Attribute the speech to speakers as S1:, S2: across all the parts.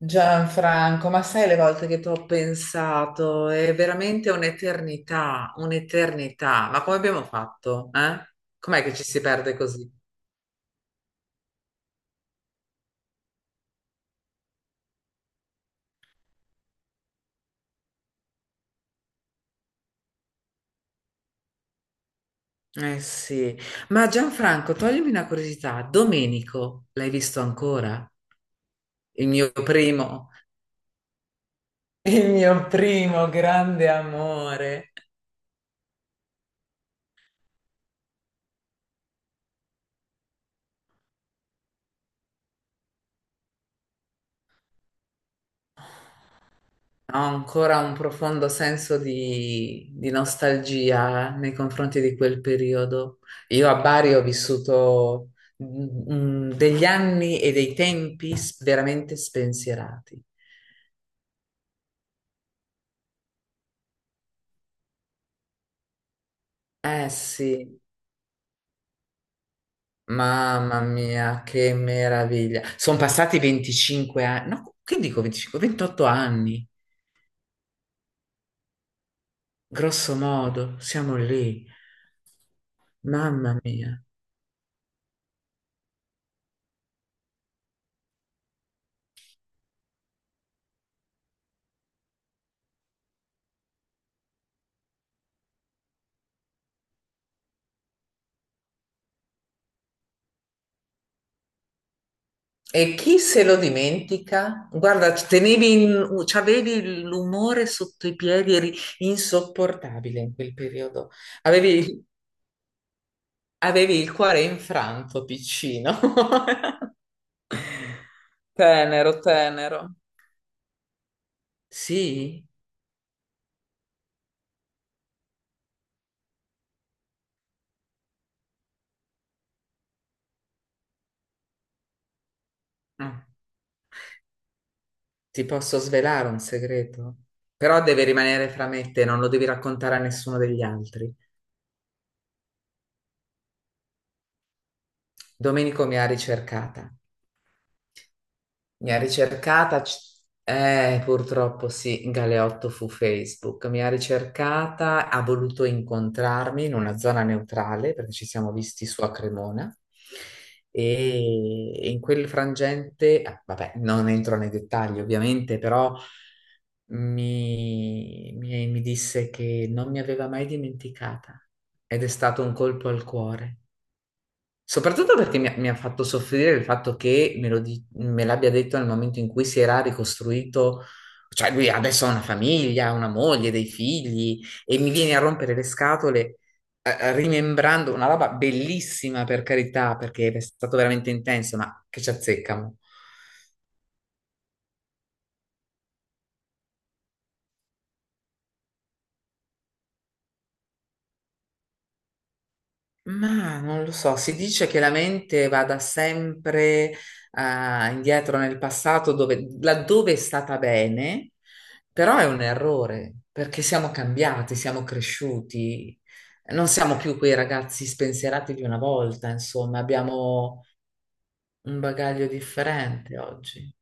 S1: Gianfranco, ma sai le volte che ti ho pensato? È veramente un'eternità, un'eternità. Ma come abbiamo fatto? Eh? Com'è che ci si perde così? Eh sì, ma Gianfranco, toglimi una curiosità. Domenico, l'hai visto ancora? Il mio primo, il mio primo grande amore. Ho ancora un profondo senso di nostalgia nei confronti di quel periodo. Io a Bari ho vissuto degli anni e dei tempi veramente spensierati. Eh sì, mamma mia, che meraviglia. Sono passati 25 anni, no, che dico 25? 28 anni, grosso modo, siamo lì. Mamma mia. E chi se lo dimentica? Guarda, ci tenevi c'avevi l'umore sotto i piedi, eri insopportabile in quel periodo. Avevi, avevi il cuore infranto, piccino. Tenero, tenero. Sì? Ah, ti posso svelare un segreto? Però deve rimanere fra me e te, non lo devi raccontare a nessuno degli altri. Domenico mi ha ricercata. Mi ha ricercata, purtroppo sì, Galeotto fu Facebook, mi ha ricercata, ha voluto incontrarmi in una zona neutrale perché ci siamo visti su a Cremona e in quel frangente, vabbè, non entro nei dettagli ovviamente, però mi disse che non mi aveva mai dimenticata ed è stato un colpo al cuore. Soprattutto perché mi ha fatto soffrire il fatto che me lo me l'abbia detto nel momento in cui si era ricostruito, cioè lui adesso ha una famiglia, una moglie, dei figli e mi viene a rompere le scatole rimembrando una roba bellissima per carità, perché è stato veramente intenso, ma che ci azzeccano. Ma non lo so, si dice che la mente vada sempre indietro nel passato dove, laddove è stata bene, però è un errore perché siamo cambiati, siamo cresciuti, non siamo più quei ragazzi spensierati di una volta, insomma, abbiamo un bagaglio differente oggi.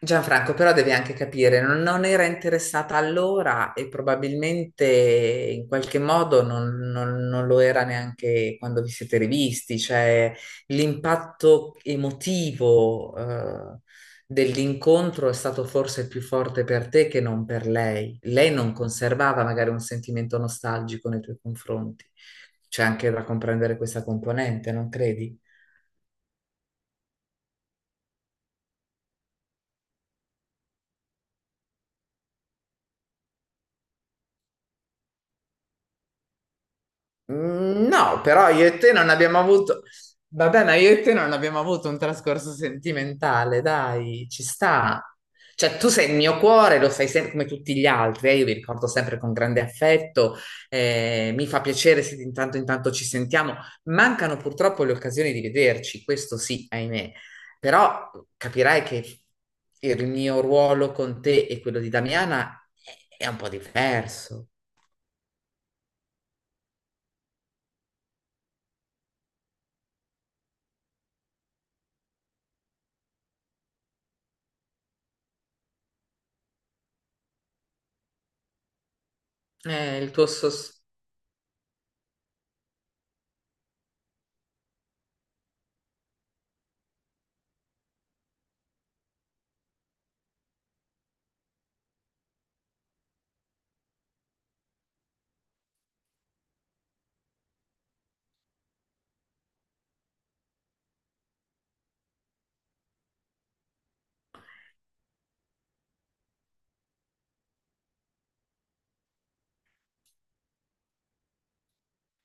S1: Gianfranco, però devi anche capire, non era interessata allora e probabilmente in qualche modo non lo era neanche quando vi siete rivisti, cioè l'impatto emotivo, dell'incontro è stato forse più forte per te che non per lei. Lei non conservava magari un sentimento nostalgico nei tuoi confronti. C'è anche da comprendere questa componente, non credi? Mm, no, però io e te non abbiamo avuto. Vabbè, ma io e te non abbiamo avuto un trascorso sentimentale, dai, ci sta. Cioè, tu sei il mio cuore, lo sai sempre come tutti gli altri, io vi ricordo sempre con grande affetto, mi fa piacere se di intanto in tanto ci sentiamo. Mancano purtroppo le occasioni di vederci, questo sì, ahimè. Però capirai che il mio ruolo con te e quello di Damiana è un po' diverso. Il tuo sospiro.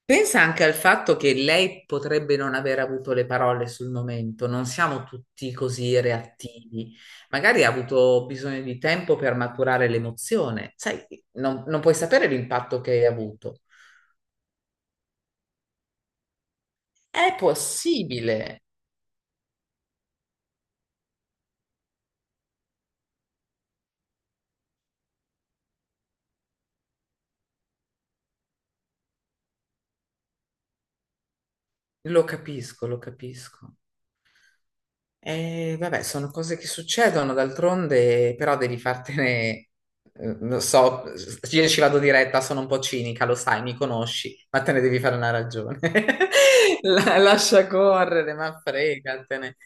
S1: Pensa anche al fatto che lei potrebbe non aver avuto le parole sul momento, non siamo tutti così reattivi. Magari ha avuto bisogno di tempo per maturare l'emozione, sai, non puoi sapere l'impatto che hai avuto. È possibile, lo capisco, lo capisco. Vabbè, sono cose che succedono, d'altronde, però devi fartene, lo so, io ci vado diretta, sono un po' cinica, lo sai, mi conosci, ma te ne devi fare una ragione. Lascia correre, ma fregatene.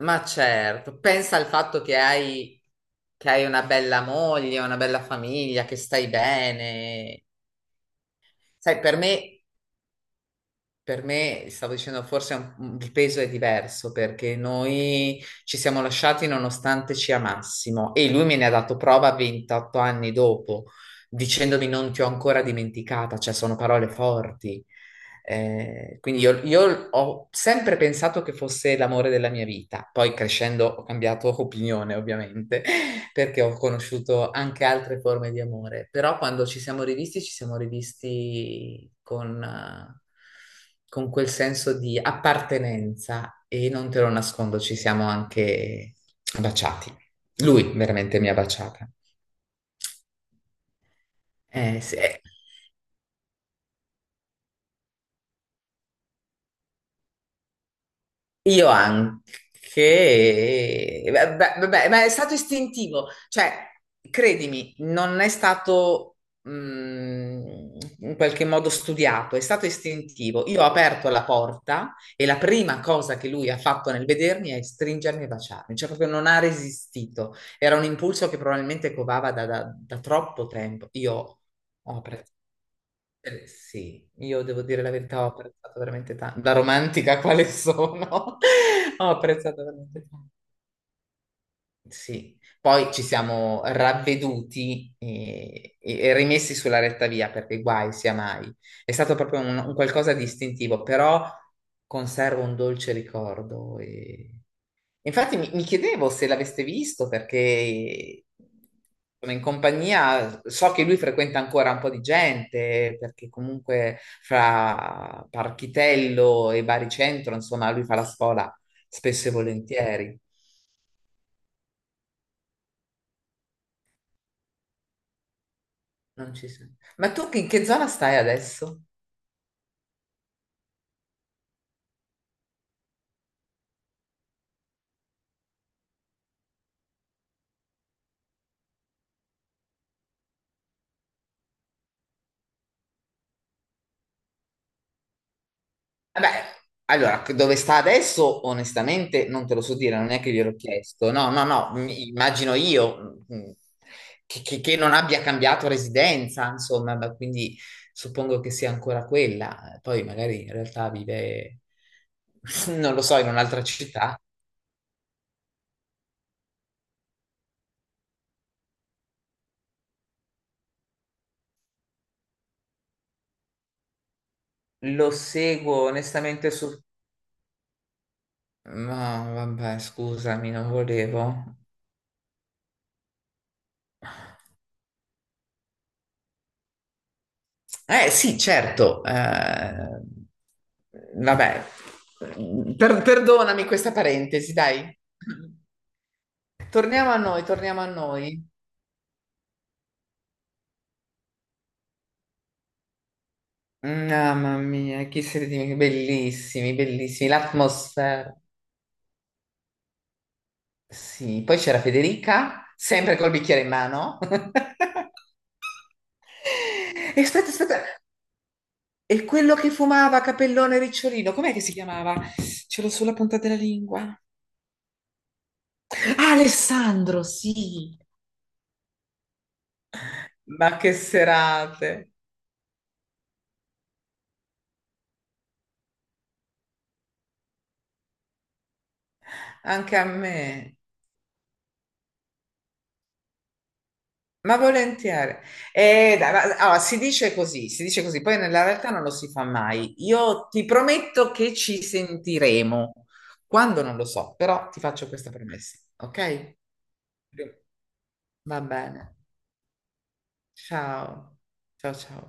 S1: Ma certo, pensa al fatto che hai una bella moglie, una bella famiglia, che stai bene. Sai, per me. Per me, stavo dicendo, forse è il peso è diverso perché noi ci siamo lasciati nonostante ci amassimo e lui me ne ha dato prova 28 anni dopo, dicendomi non ti ho ancora dimenticata, cioè sono parole forti. Quindi io ho sempre pensato che fosse l'amore della mia vita, poi crescendo ho cambiato opinione, ovviamente, perché ho conosciuto anche altre forme di amore, però quando ci siamo rivisti, con quel senso di appartenenza e non te lo nascondo, ci siamo anche baciati. Lui veramente mi ha baciata. Sì. Eh, io anche, beh, beh, beh, ma è stato istintivo, cioè, credimi, non è stato in qualche modo studiato, è stato istintivo. Io ho aperto la porta e la prima cosa che lui ha fatto nel vedermi è stringermi e baciarmi, cioè proprio non ha resistito. Era un impulso che probabilmente covava da troppo tempo. Io ho apprezzato. Sì, io devo dire la verità, ho apprezzato veramente tanto, da romantica quale sono, ho apprezzato veramente tanto. Sì, poi ci siamo ravveduti e rimessi sulla retta via perché guai sia mai. È stato proprio un qualcosa di istintivo, però conservo un dolce ricordo e. Infatti mi chiedevo se l'aveste visto perché sono in compagnia, so che lui frequenta ancora un po' di gente, perché comunque fra Parchitello e Baricentro, insomma, lui fa la scuola spesso e volentieri. Non ci sei. Ma tu in che zona stai adesso? Vabbè, allora, dove sta adesso, onestamente, non te lo so dire, non è che gliel'ho chiesto. No, no, no, immagino io che non abbia cambiato residenza, insomma, ma quindi suppongo che sia ancora quella. Poi magari in realtà vive, non lo so, in un'altra città. Lo seguo onestamente su... No, vabbè, scusami, non volevo. Eh sì, certo. Eh, vabbè, perdonami questa parentesi, dai. Torniamo a noi, torniamo a noi. Mamma mia, bellissimi, bellissimi. L'atmosfera. Sì, poi c'era Federica, sempre col bicchiere in mano. E aspetta, aspetta. E quello che fumava, capellone ricciolino, com'è che si chiamava? Ce l'ho sulla punta della lingua. Ah, Alessandro, sì. Ma che serate. Anche a me, ma volentieri. Dai, allora, si dice così, poi nella realtà non lo si fa mai. Io ti prometto che ci sentiremo. Quando non lo so, però ti faccio questa promessa, ok? Va bene. Ciao. Ciao ciao.